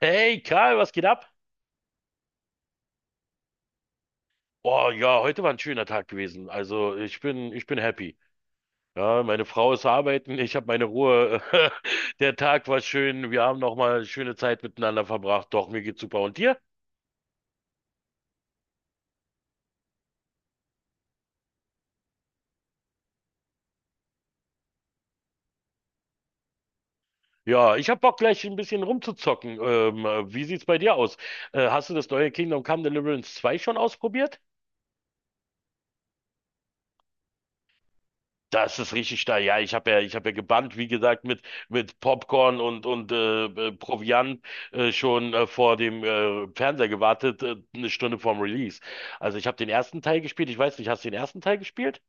Hey Karl, was geht ab? Oh ja, heute war ein schöner Tag gewesen. Also ich bin happy. Ja, meine Frau ist arbeiten, ich habe meine Ruhe. Der Tag war schön, wir haben nochmal schöne Zeit miteinander verbracht. Doch, mir geht's super. Und dir? Ja, ich hab Bock gleich ein bisschen rumzuzocken. Wie sieht's bei dir aus? Hast du das neue Kingdom Come Deliverance 2 schon ausprobiert? Das ist richtig steil. Ja, ich habe ja gebannt, wie gesagt, mit Popcorn und Proviant schon vor dem Fernseher gewartet, 1 Stunde vorm Release. Also ich habe den ersten Teil gespielt. Ich weiß nicht, hast du den ersten Teil gespielt?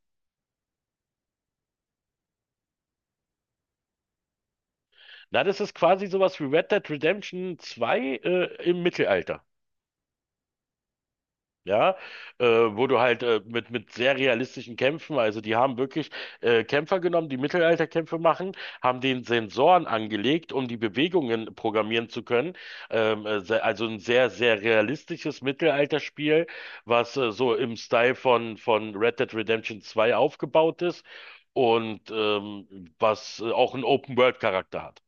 Na, das ist quasi sowas wie Red Dead Redemption zwei im Mittelalter. Ja, wo du halt mit sehr realistischen Kämpfen, also die haben wirklich Kämpfer genommen, die Mittelalterkämpfe machen, haben den Sensoren angelegt, um die Bewegungen programmieren zu können. Also ein sehr, sehr realistisches Mittelalterspiel, was so im Style von Red Dead Redemption zwei aufgebaut ist und was auch einen Open-World-Charakter hat.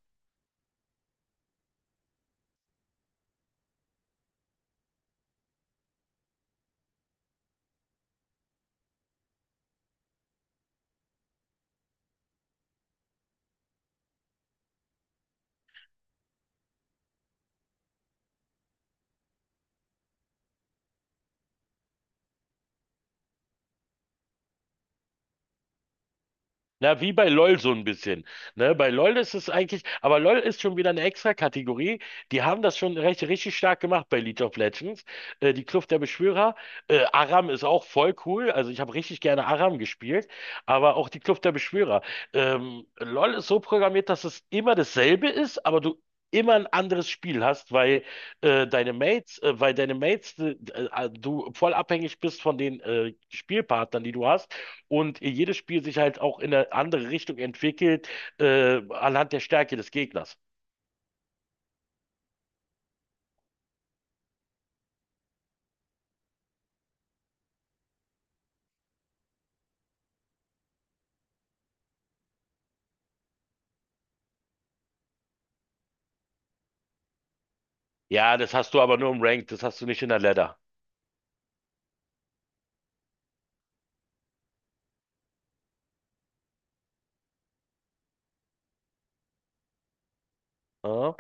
Na, wie bei LOL so ein bisschen. Ne, bei LOL ist es eigentlich, aber LOL ist schon wieder eine extra Kategorie. Die haben das schon richtig stark gemacht bei League of Legends. Die Kluft der Beschwörer. Aram ist auch voll cool. Also ich habe richtig gerne Aram gespielt, aber auch die Kluft der Beschwörer. LOL ist so programmiert, dass es immer dasselbe ist, aber du immer ein anderes Spiel hast, weil weil deine Mates, du voll abhängig bist von den Spielpartnern, die du hast und jedes Spiel sich halt auch in eine andere Richtung entwickelt, anhand der Stärke des Gegners. Ja, das hast du aber nur im Ranked, das hast du nicht in der Ladder. Ja,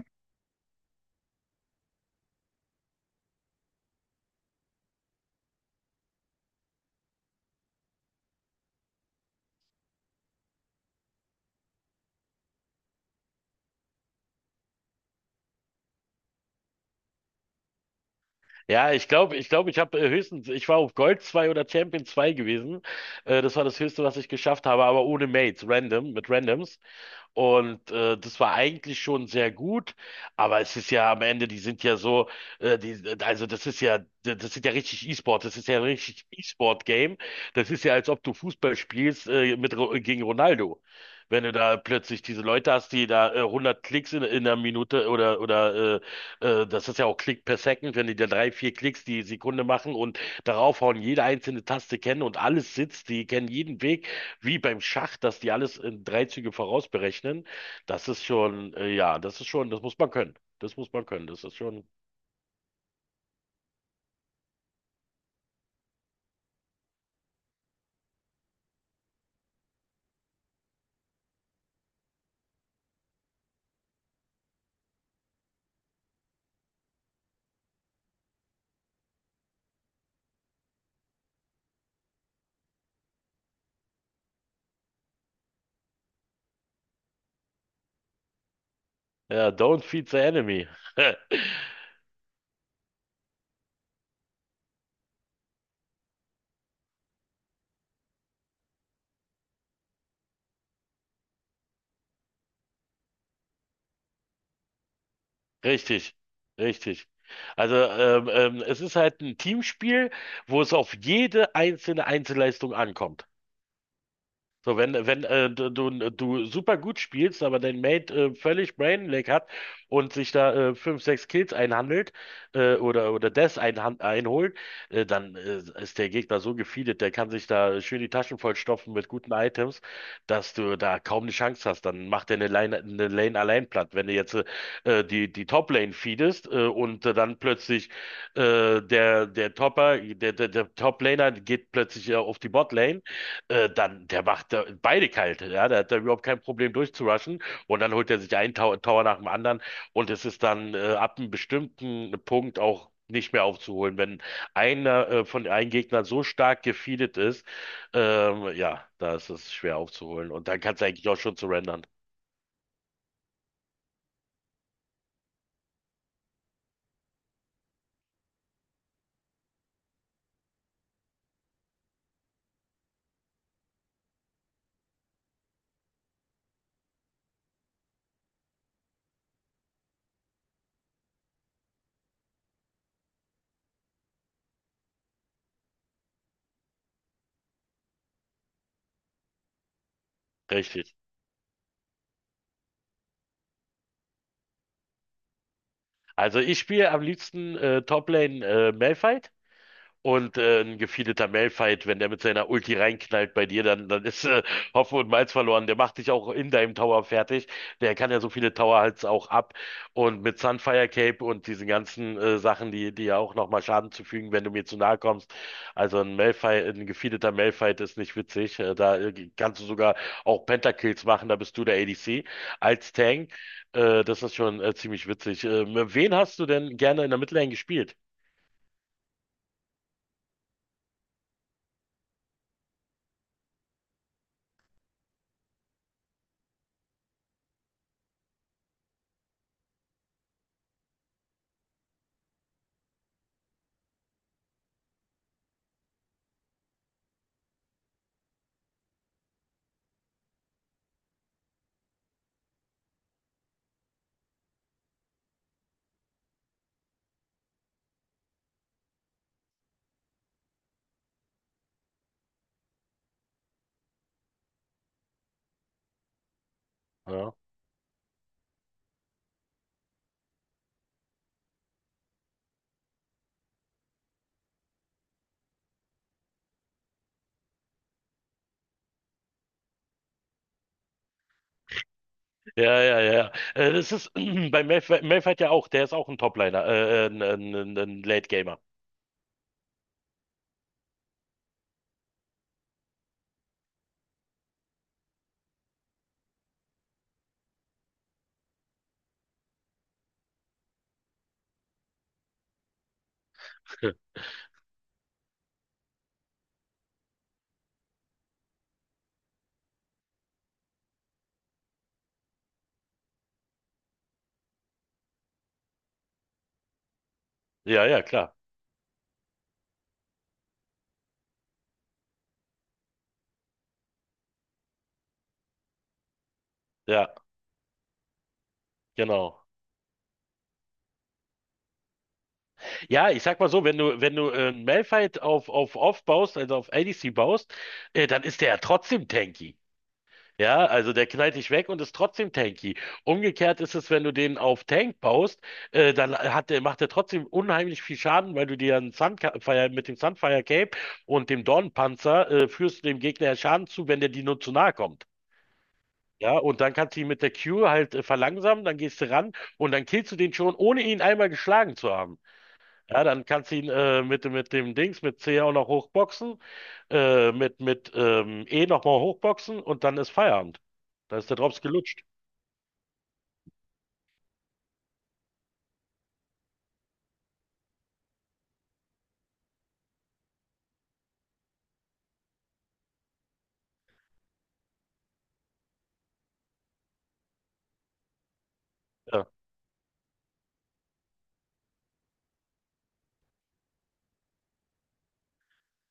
ja, ich glaube, ich habe höchstens, ich war auf Gold 2 oder Champion 2 gewesen. Das war das Höchste, was ich geschafft habe, aber ohne Mates, random, mit Randoms. Und das war eigentlich schon sehr gut, aber es ist ja am Ende, die sind ja so, also das ist ja richtig E-Sport, das ist ja ein richtig E-Sport-Game. Das ist ja, als ob du Fußball spielst gegen Ronaldo. Wenn du da plötzlich diese Leute hast, die da 100 Klicks in einer Minute oder das ist ja auch Klick per Second, wenn die da drei, vier Klicks die Sekunde machen und darauf hauen, jede einzelne Taste kennen und alles sitzt, die kennen jeden Weg wie beim Schach, dass die alles in drei Züge vorausberechnen. Das ist schon, ja, das ist schon, das muss man können. Das muss man können. Ja, don't feed the enemy. Richtig, richtig. Also es ist halt ein Teamspiel, wo es auf jede einzelne Einzelleistung ankommt. So, wenn du super gut spielst, aber dein Mate völlig Brainlag hat und sich da fünf, sechs Kills einhandelt oder Deaths einholt, dann ist der Gegner so gefeedet, der kann sich da schön die Taschen vollstopfen mit guten Items, dass du da kaum eine Chance hast. Dann macht er eine Lane allein platt. Wenn du jetzt die Top-Lane feedest und dann plötzlich der, der Topper, der, der, der Top-Laner geht plötzlich auf die Bot-Lane dann, der macht da beide kalt, ja, der hat da überhaupt kein Problem durchzurushen und dann holt er sich einen Tower, Tower nach dem anderen, und es ist dann ab einem bestimmten Punkt auch nicht mehr aufzuholen, wenn einer von einem Gegner so stark gefeedet ist. Ja, da ist es schwer aufzuholen und dann kannst du eigentlich auch schon surrendern. Richtig. Also ich spiele am liebsten Toplane Malphite. Und ein gefeedeter Malphite, wenn der mit seiner Ulti reinknallt bei dir, dann ist Hopfen und Malz verloren. Der macht dich auch in deinem Tower fertig. Der kann ja so viele Tower halt auch ab. Und mit Sunfire Cape und diesen ganzen Sachen, die ja auch nochmal Schaden zufügen, wenn du mir zu nahe kommst. Also ein Malphite, ein gefeedeter Malphite ist nicht witzig. Da kannst du sogar auch Pentakills machen, da bist du der ADC als Tank. Das ist schon ziemlich witzig. Wen hast du denn gerne in der Midlane gespielt? Ja. Ja, ja, ja. Das ist bei Mayfight ja auch, der ist auch ein Topliner, ein ein Late Gamer. Ja, ja, klar. Ja, genau. Ja, ich sag mal so, wenn du Malphite auf Off baust, also auf ADC baust, dann ist der ja trotzdem tanky. Ja, also der knallt dich weg und ist trotzdem tanky. Umgekehrt ist es, wenn du den auf Tank baust, dann hat der, macht er trotzdem unheimlich viel Schaden, weil du dir einen Sunfire, mit dem Sunfire Cape und dem Dornenpanzer führst du dem Gegner ja Schaden zu, wenn der dir nur zu nahe kommt. Ja, und dann kannst du ihn mit der Q halt verlangsamen, dann gehst du ran und dann killst du den schon, ohne ihn einmal geschlagen zu haben. Ja, dann kannst du ihn mit dem Dings, mit C auch noch hochboxen, mit E nochmal hochboxen und dann ist Feierabend. Da ist der Drops gelutscht. Ja.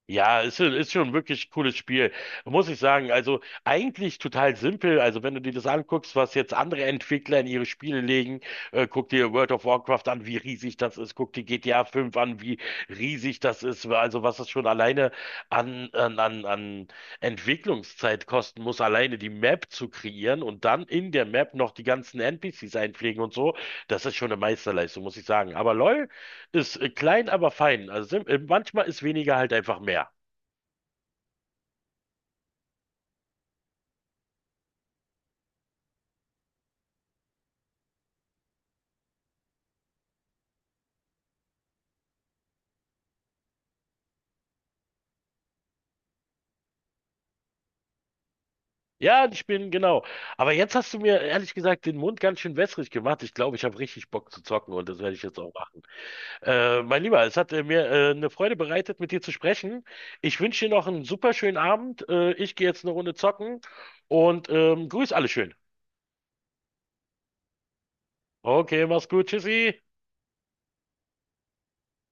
Ist schon wirklich cooles Spiel, muss ich sagen. Also eigentlich total simpel. Also wenn du dir das anguckst, was jetzt andere Entwickler in ihre Spiele legen, guck dir World of Warcraft an, wie riesig das ist. Guck dir GTA 5 an, wie riesig das ist. Also was das schon alleine an Entwicklungszeit kosten muss, alleine die Map zu kreieren und dann in der Map noch die ganzen NPCs einpflegen und so. Das ist schon eine Meisterleistung, muss ich sagen. Aber LoL ist klein, aber fein. Manchmal ist weniger halt einfach mehr. Ja, die spielen genau. Aber jetzt hast du mir ehrlich gesagt den Mund ganz schön wässrig gemacht. Ich glaube, ich habe richtig Bock zu zocken und das werde ich jetzt auch machen. Mein Lieber, es hat mir eine Freude bereitet, mit dir zu sprechen. Ich wünsche dir noch einen super schönen Abend. Ich gehe jetzt eine Runde zocken und grüß alle schön. Okay, mach's gut. Tschüssi.